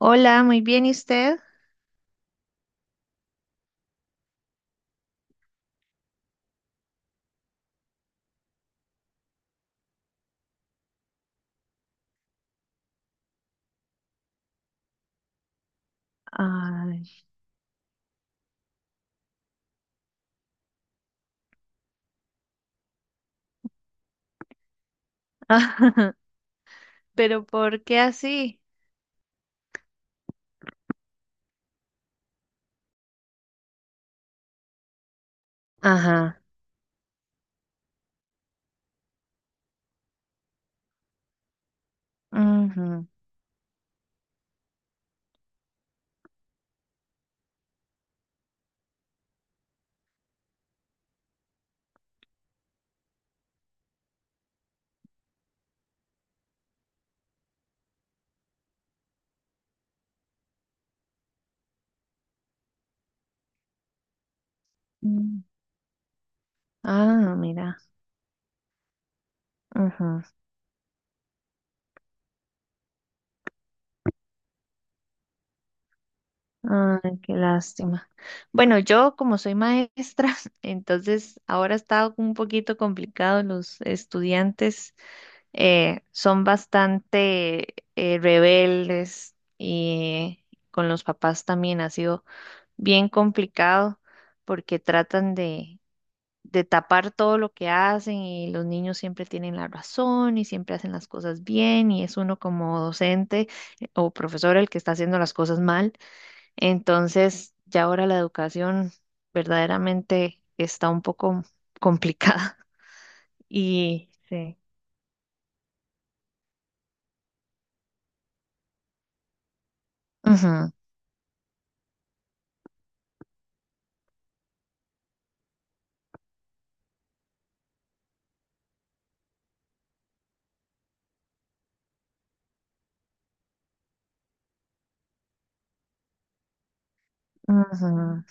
Hola, muy bien, ¿y usted? Ay, pero ¿por qué así? Ajá. Ujú. Mm. Ah, mira. Ujú. Ay, qué lástima. Bueno, yo como soy maestra, entonces ahora está un poquito complicado. Los estudiantes son bastante rebeldes y con los papás también ha sido bien complicado porque tratan de tapar todo lo que hacen y los niños siempre tienen la razón y siempre hacen las cosas bien y es uno como docente o profesor el que está haciendo las cosas mal. Entonces, ya ahora la educación verdaderamente está un poco complicada. Y sí. Ujú, ujú,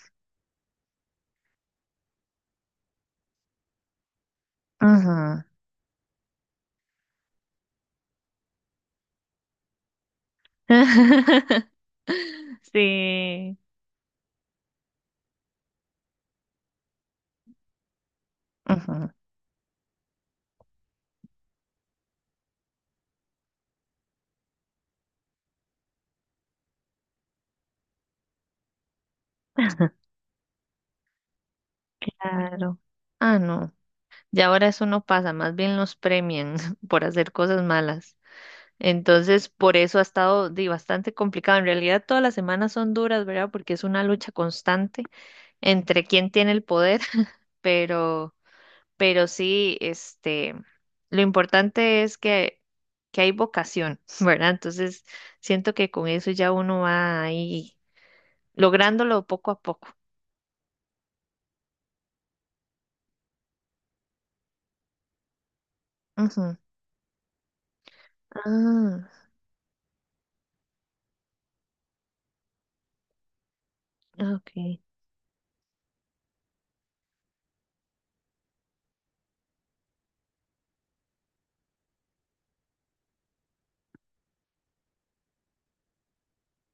ujú. Sí. Ujú. Claro. Ah, no. Ya ahora eso no pasa, más bien los premian por hacer cosas malas. Entonces, por eso ha estado bastante complicado. En realidad, todas las semanas son duras, ¿verdad? Porque es una lucha constante entre quién tiene el poder, pero, pero sí, este, lo importante es que hay vocación, ¿verdad? Entonces, siento que con eso ya uno va ahí lográndolo poco a poco. Ujú. Ah, ok.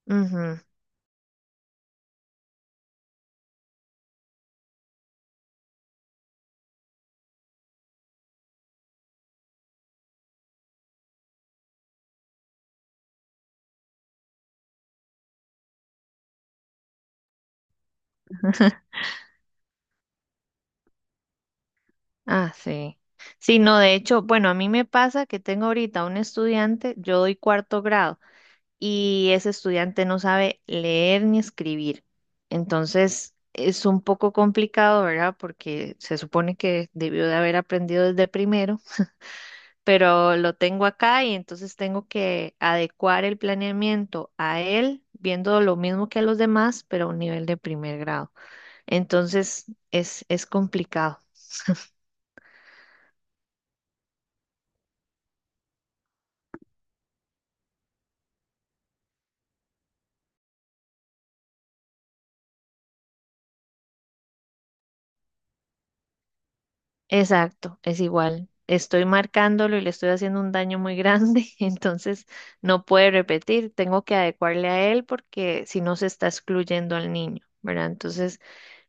Ujú. Ah, sí. Sí, no, de hecho, bueno, a mí me pasa que tengo ahorita un estudiante, yo doy cuarto grado. Y ese estudiante no sabe leer ni escribir. Entonces, es un poco complicado, ¿verdad? Porque se supone que debió de haber aprendido desde primero, pero lo tengo acá y entonces tengo que adecuar el planeamiento a él, viendo lo mismo que a los demás, pero a un nivel de primer grado. Entonces, es complicado. Exacto, es igual. Estoy marcándolo y le estoy haciendo un daño muy grande, entonces no puede repetir. Tengo que adecuarle a él porque si no se está excluyendo al niño, ¿verdad? Entonces...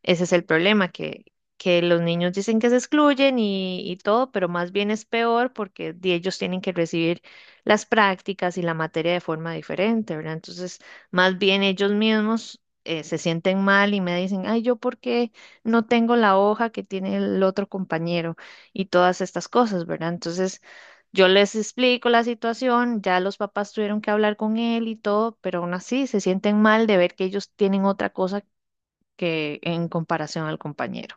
Ese es el problema, que los niños dicen que se excluyen y todo, pero más bien es peor porque ellos tienen que recibir las prácticas y la materia de forma diferente, ¿verdad? Entonces, más bien ellos mismos se sienten mal y me dicen, ay, ¿yo por qué no tengo la hoja que tiene el otro compañero? Y todas estas cosas, ¿verdad? Entonces... Yo les explico la situación, ya los papás tuvieron que hablar con él y todo, pero aún así se sienten mal de ver que ellos tienen otra cosa que en comparación al compañero.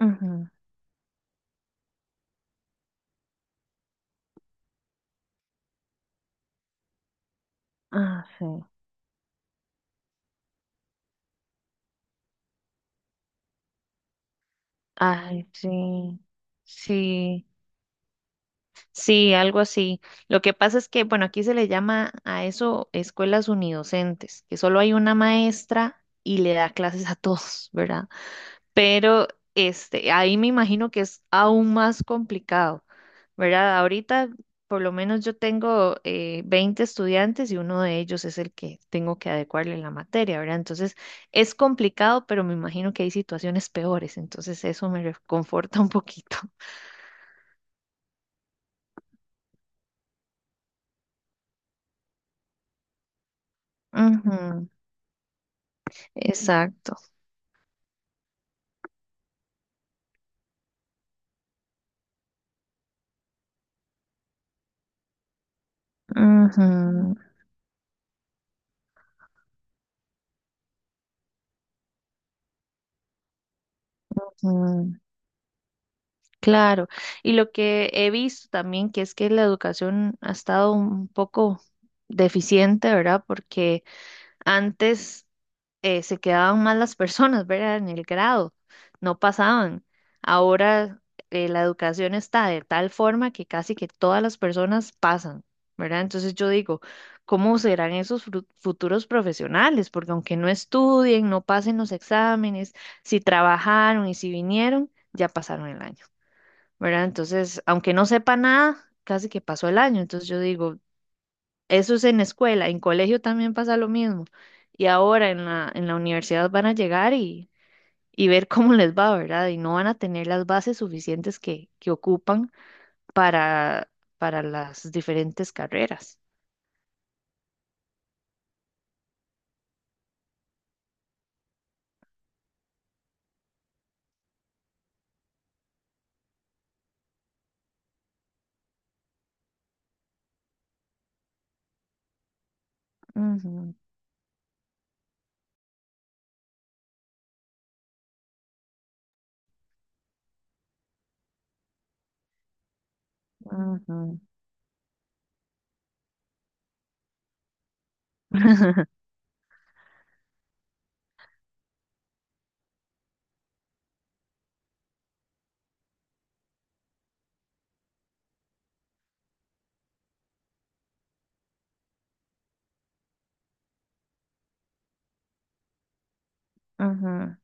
Ujú. Ah, sí. Ay, sí, sí, sí, algo así. Lo que pasa es que, bueno, aquí se le llama a eso escuelas unidocentes, que solo hay una maestra y le da clases a todos, ¿verdad? Pero este, ahí me imagino que es aún más complicado, ¿verdad? Ahorita por lo menos yo tengo 20 estudiantes y uno de ellos es el que tengo que adecuarle la materia, ¿verdad? Entonces es complicado, pero me imagino que hay situaciones peores, entonces eso me reconforta un poquito. Ujú, exacto. Ujú, ujú, claro. Y lo que he visto también que es que la educación ha estado un poco deficiente, ¿verdad? Porque antes se quedaban mal las personas, ¿verdad? En el grado, no pasaban. Ahora la educación está de tal forma que casi que todas las personas pasan, ¿verdad? Entonces yo digo, ¿cómo serán esos futuros profesionales? Porque aunque no estudien, no pasen los exámenes, si trabajaron y si vinieron, ya pasaron el año, ¿verdad? Entonces, aunque no sepa nada, casi que pasó el año. Entonces yo digo, eso es en escuela, en colegio también pasa lo mismo. Y ahora en la universidad van a llegar y ver cómo les va, ¿verdad? Y no van a tener las bases suficientes que ocupan para, para las diferentes carreras. Ujú, ujú, ujú,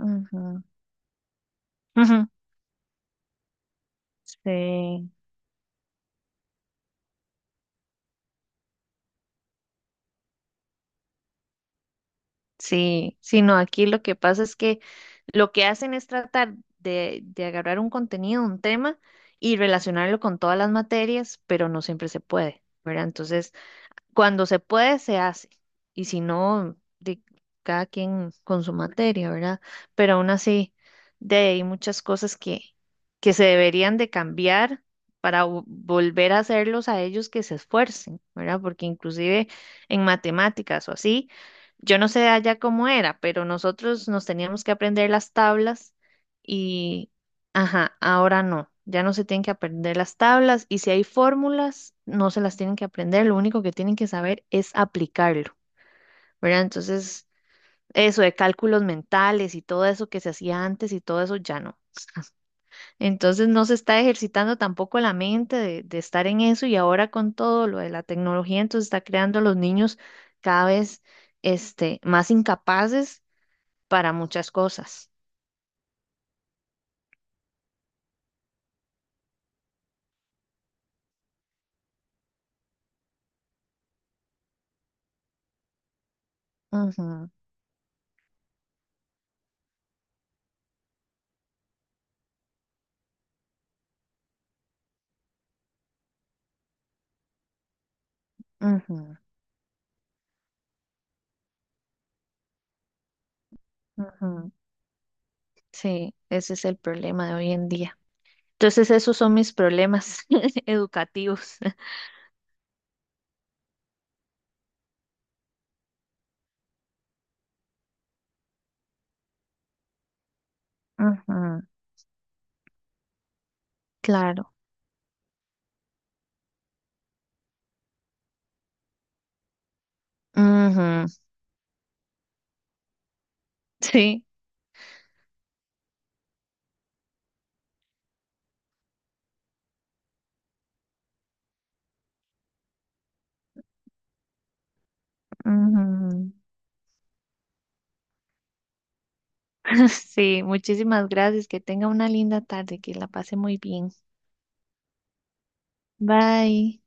ujú, ujú. Sí. Sí, sí, no, aquí lo que pasa es que lo que hacen es tratar de agarrar un contenido, un tema y relacionarlo con todas las materias, pero no siempre se puede, ¿verdad? Entonces, cuando se puede, se hace. Y si no, de cada quien con su materia, ¿verdad? Pero aún así, de ahí hay muchas cosas que se deberían de cambiar para volver a hacerlos a ellos que se esfuercen, ¿verdad? Porque inclusive en matemáticas o así, yo no sé allá cómo era, pero nosotros nos teníamos que aprender las tablas. Ajá, ahora no, ya no se tienen que aprender las tablas y si hay fórmulas, no se las tienen que aprender, lo único que tienen que saber es aplicarlo, ¿verdad? Entonces, eso de cálculos mentales y todo eso que se hacía antes y todo eso ya no. Entonces, no se está ejercitando tampoco la mente de estar en eso y ahora con todo lo de la tecnología, entonces está creando a los niños cada vez este, más incapaces para muchas cosas. Ujú, ujú, ujú. Sí, ese es el problema de hoy en día. Entonces, esos son mis problemas educativos. Ujú, claro. Ujú, sí. Ujú. Sí, muchísimas gracias. Que tenga una linda tarde, que la pase muy bien. Bye.